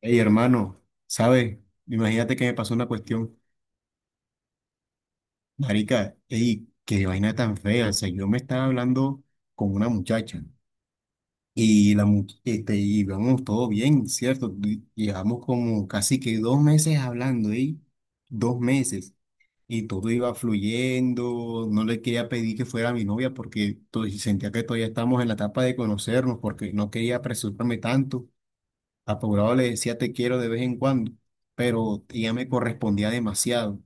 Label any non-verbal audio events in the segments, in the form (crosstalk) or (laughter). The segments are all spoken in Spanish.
Ey, hermano, ¿sabe? Imagínate que me pasó una cuestión. Marica, ey, qué vaina tan fea. O sea, yo me estaba hablando con una muchacha y y íbamos todo bien, ¿cierto? Llevamos como casi que dos meses hablando, ey, dos meses. Y todo iba fluyendo, no le quería pedir que fuera mi novia porque sentía que todavía estamos en la etapa de conocernos, porque no quería apresurarme tanto. Apurado le decía te quiero de vez en cuando, pero ella me correspondía demasiado.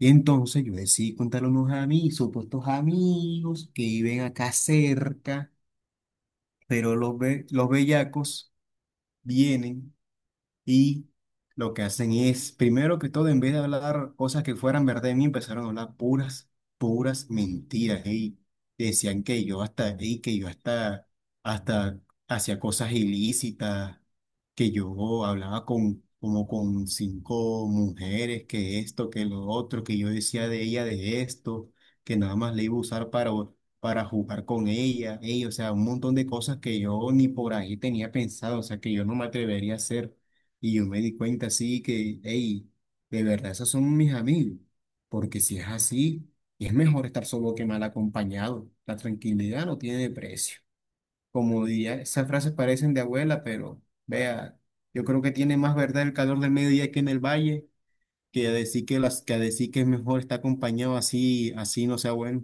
Y entonces yo decidí contarle a unos amigos, supuestos amigos que viven acá cerca, pero los bellacos vienen y lo que hacen es, primero que todo, en vez de hablar cosas que fueran verdad de mí, empezaron a hablar puras mentiras. Y decían que yo hasta, y que yo hasta hacía cosas ilícitas, que yo hablaba con, como con cinco mujeres, que esto, que lo otro, que yo decía de ella de esto, que nada más le iba a usar para jugar con ella. Ey, o sea, un montón de cosas que yo ni por ahí tenía pensado, o sea, que yo no me atrevería a hacer. Y yo me di cuenta así que, hey, de verdad, esos son mis amigos. Porque si es así, es mejor estar solo que mal acompañado. La tranquilidad no tiene precio. Como diría, esas frases parecen de abuela, pero vea, yo creo que tiene más verdad el calor del mediodía aquí en el valle que a decir que a decir que es mejor estar acompañado así, así no sea bueno.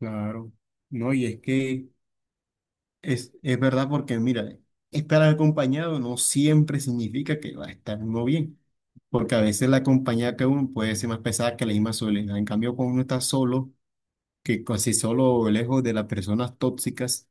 Claro. No, y es que es verdad porque, mira, estar acompañado no siempre significa que va a estar uno bien, porque a veces la compañía que uno puede ser más pesada que la misma soledad. En cambio, cuando uno está solo, que si solo lejos de las personas tóxicas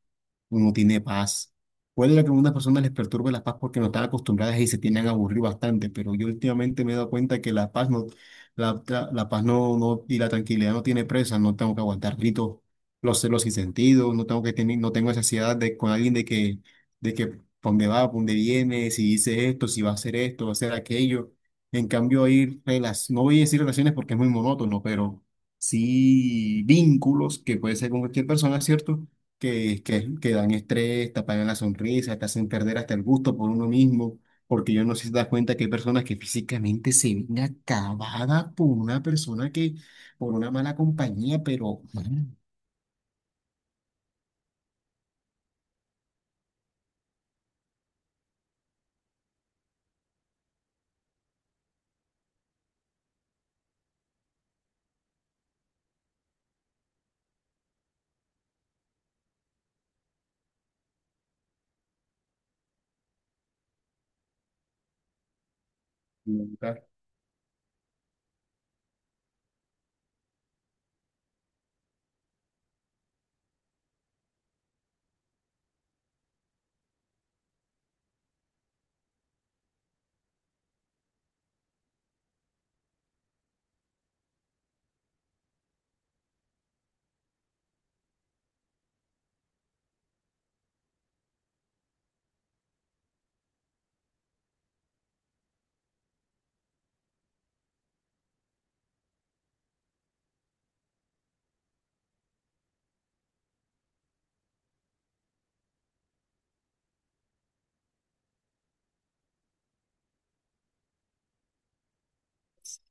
uno tiene paz. Puede que a algunas personas les perturbe la paz porque no están acostumbradas y se tienen a aburrir bastante, pero yo últimamente me he dado cuenta que la paz y la tranquilidad no tiene presa, no tengo que aguantar gritos, los celos sin sentido, no tengo que tener, no tengo esa ansiedad de con alguien de que pa' dónde va, pa' dónde viene, si dice esto, si va a hacer esto, va a hacer aquello. En cambio, hay relaciones, no voy a decir relaciones porque es muy monótono, pero sí vínculos que puede ser con cualquier persona, ¿cierto? Que dan estrés, te apagan la sonrisa, te hacen perder hasta el gusto por uno mismo, porque yo no sé si te das cuenta que hay personas que físicamente se ven acabadas por una por una mala compañía, pero man, nunca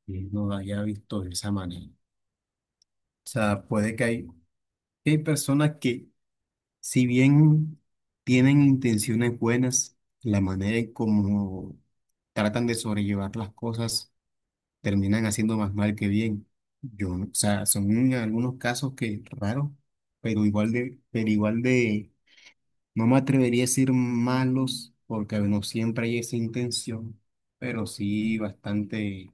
que no haya visto de esa manera. O sea, puede que hay personas que, si bien tienen intenciones buenas, la manera en cómo tratan de sobrellevar las cosas terminan haciendo más mal que bien. Yo, no- O sea, son algunos casos que raros, pero igual de, no me atrevería a decir malos, porque no siempre hay esa intención, pero sí bastante.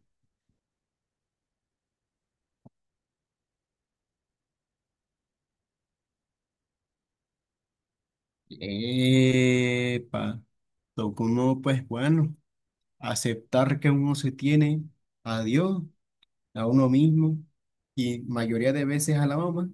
Epa, toca uno, pues bueno, aceptar que uno se tiene a Dios, a uno mismo, y mayoría de veces a la mamá.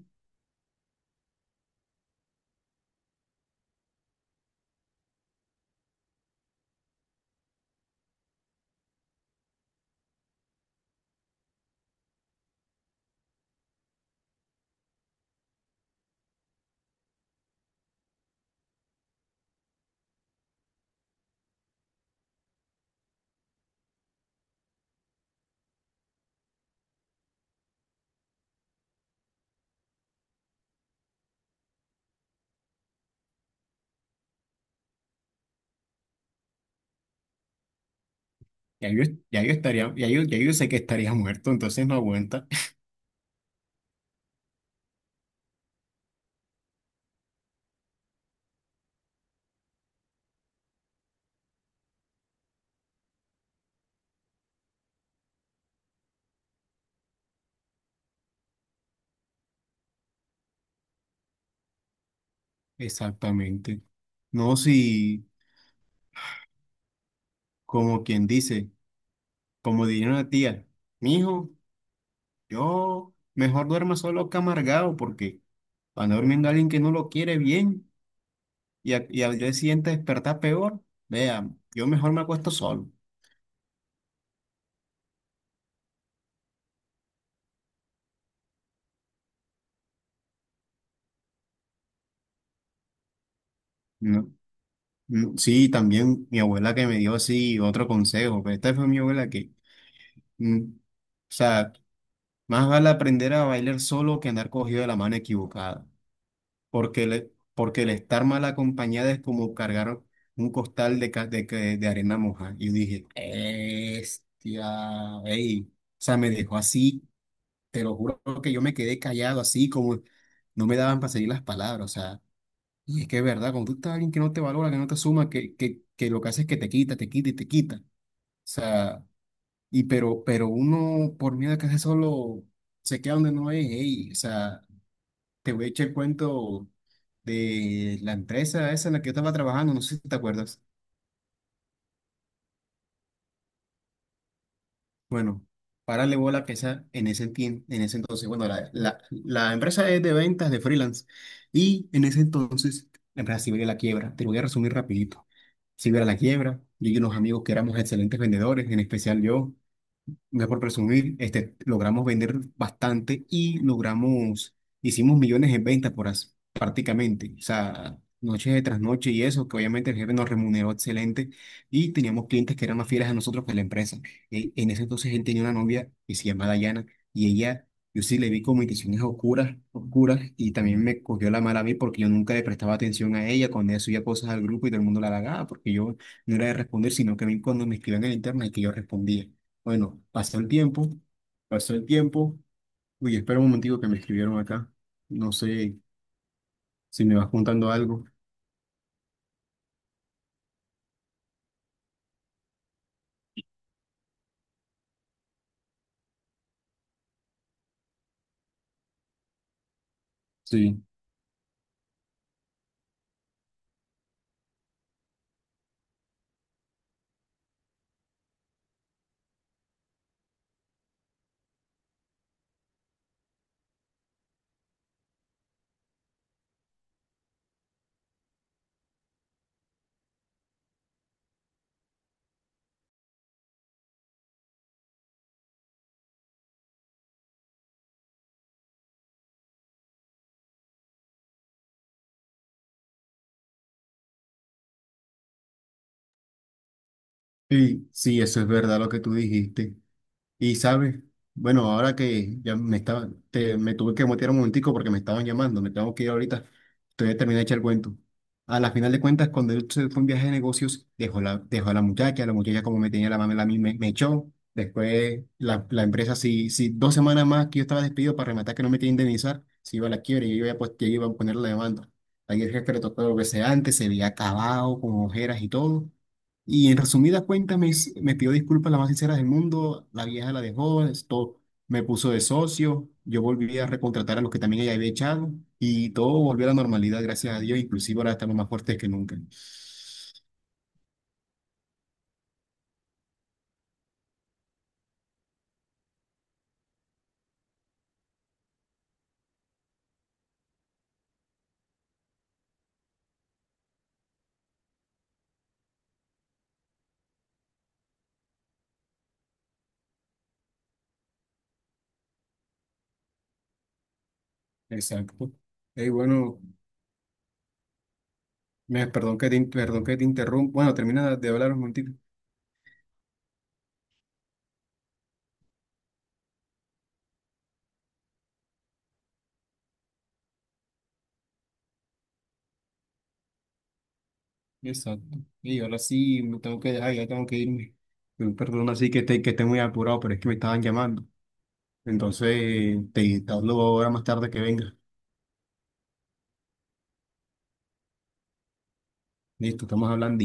Ya yo, ya yo estaría, ya yo, ya yo sé que estaría (laughs) muerto, entonces no aguanta. Exactamente. No, si, como quien dice, como diría una tía, mijo, yo mejor duerma solo que amargado, porque cuando durmiendo alguien que no lo quiere bien y al día siguiente despertar peor, vea, yo mejor me acuesto solo, ¿no? Mm, sí, también mi abuela que me dio así otro consejo, pero esta fue mi abuela que, o sea, más vale aprender a bailar solo que andar cogido de la mano equivocada. Porque el estar mal acompañada es como cargar un costal de, ca- de, que- de arena moja. Y yo dije, bestia, ey. O sea, me dejó así, te lo juro que yo me quedé callado así, como no me daban para seguir las palabras, o sea. Y es que es verdad, cuando tú estás alguien que no te valora, que no te suma, que lo que hace es que te quita y te quita. O sea, pero uno por miedo a que se solo se queda donde no es, ey, o sea. Te voy a echar el cuento de la empresa esa en la que yo estaba trabajando, no sé si te acuerdas. Bueno, párale bola que esa en en ese entonces, bueno, la empresa es de ventas de freelance y en ese entonces la empresa sí veía la quiebra. Te lo voy a resumir rapidito. Sí veía la quiebra, yo y unos amigos que éramos excelentes vendedores, en especial yo. No es por presumir, este, logramos vender bastante y logramos, hicimos millones en ventas por prácticamente, o sea, noche tras noche y eso, que obviamente el jefe nos remuneró excelente y teníamos clientes que eran más fieles a nosotros que a la empresa. En ese entonces él tenía una novia que se llamaba Dayana y ella, yo sí le vi como intenciones oscuras, oscuras, y también me cogió la mala a mí porque yo nunca le prestaba atención a ella cuando ella subía cosas al grupo y todo el mundo la halagaba porque yo no era de responder, sino que a mí cuando me escribían en el internet que yo respondía. Bueno, pasó el tiempo, pasó el tiempo. Uy, espera un momentico que me escribieron acá. No sé si me vas contando algo. Sí, sí, sí, eso es verdad lo que tú dijiste. Y sabes, bueno, ahora que ya me me tuve que mutear un momentico porque me estaban llamando, me tengo que ir ahorita. Entonces termina hecha el cuento. A la final de cuentas, cuando él se fue un viaje de negocios, dejó a la muchacha como me tenía la mamá, me echó. Después la empresa, si dos semanas más que yo estaba despedido para rematar que no me quería indemnizar, se iba a la quiebra y yo yo iba a poner la demanda. Ahí el jefe le tocó lo que sea antes, se veía acabado, con ojeras y todo. Y en resumidas cuentas me pidió disculpas las más sinceras del mundo, la vieja la dejó, es todo, me puso de socio, yo volví a recontratar a los que también ella había echado y todo volvió a la normalidad, gracias a Dios, inclusive ahora estamos más fuertes que nunca. Exacto. Ey, bueno, me, perdón que te, in- perdón que te interrumpa. Bueno, termina de hablar un momentito. Exacto. Y ahora sí me tengo que dejar, ya tengo que irme. Perdón, así que esté muy apurado, pero es que me estaban llamando. Entonces, te hablo ahora más tarde que venga. Listo, estamos hablando.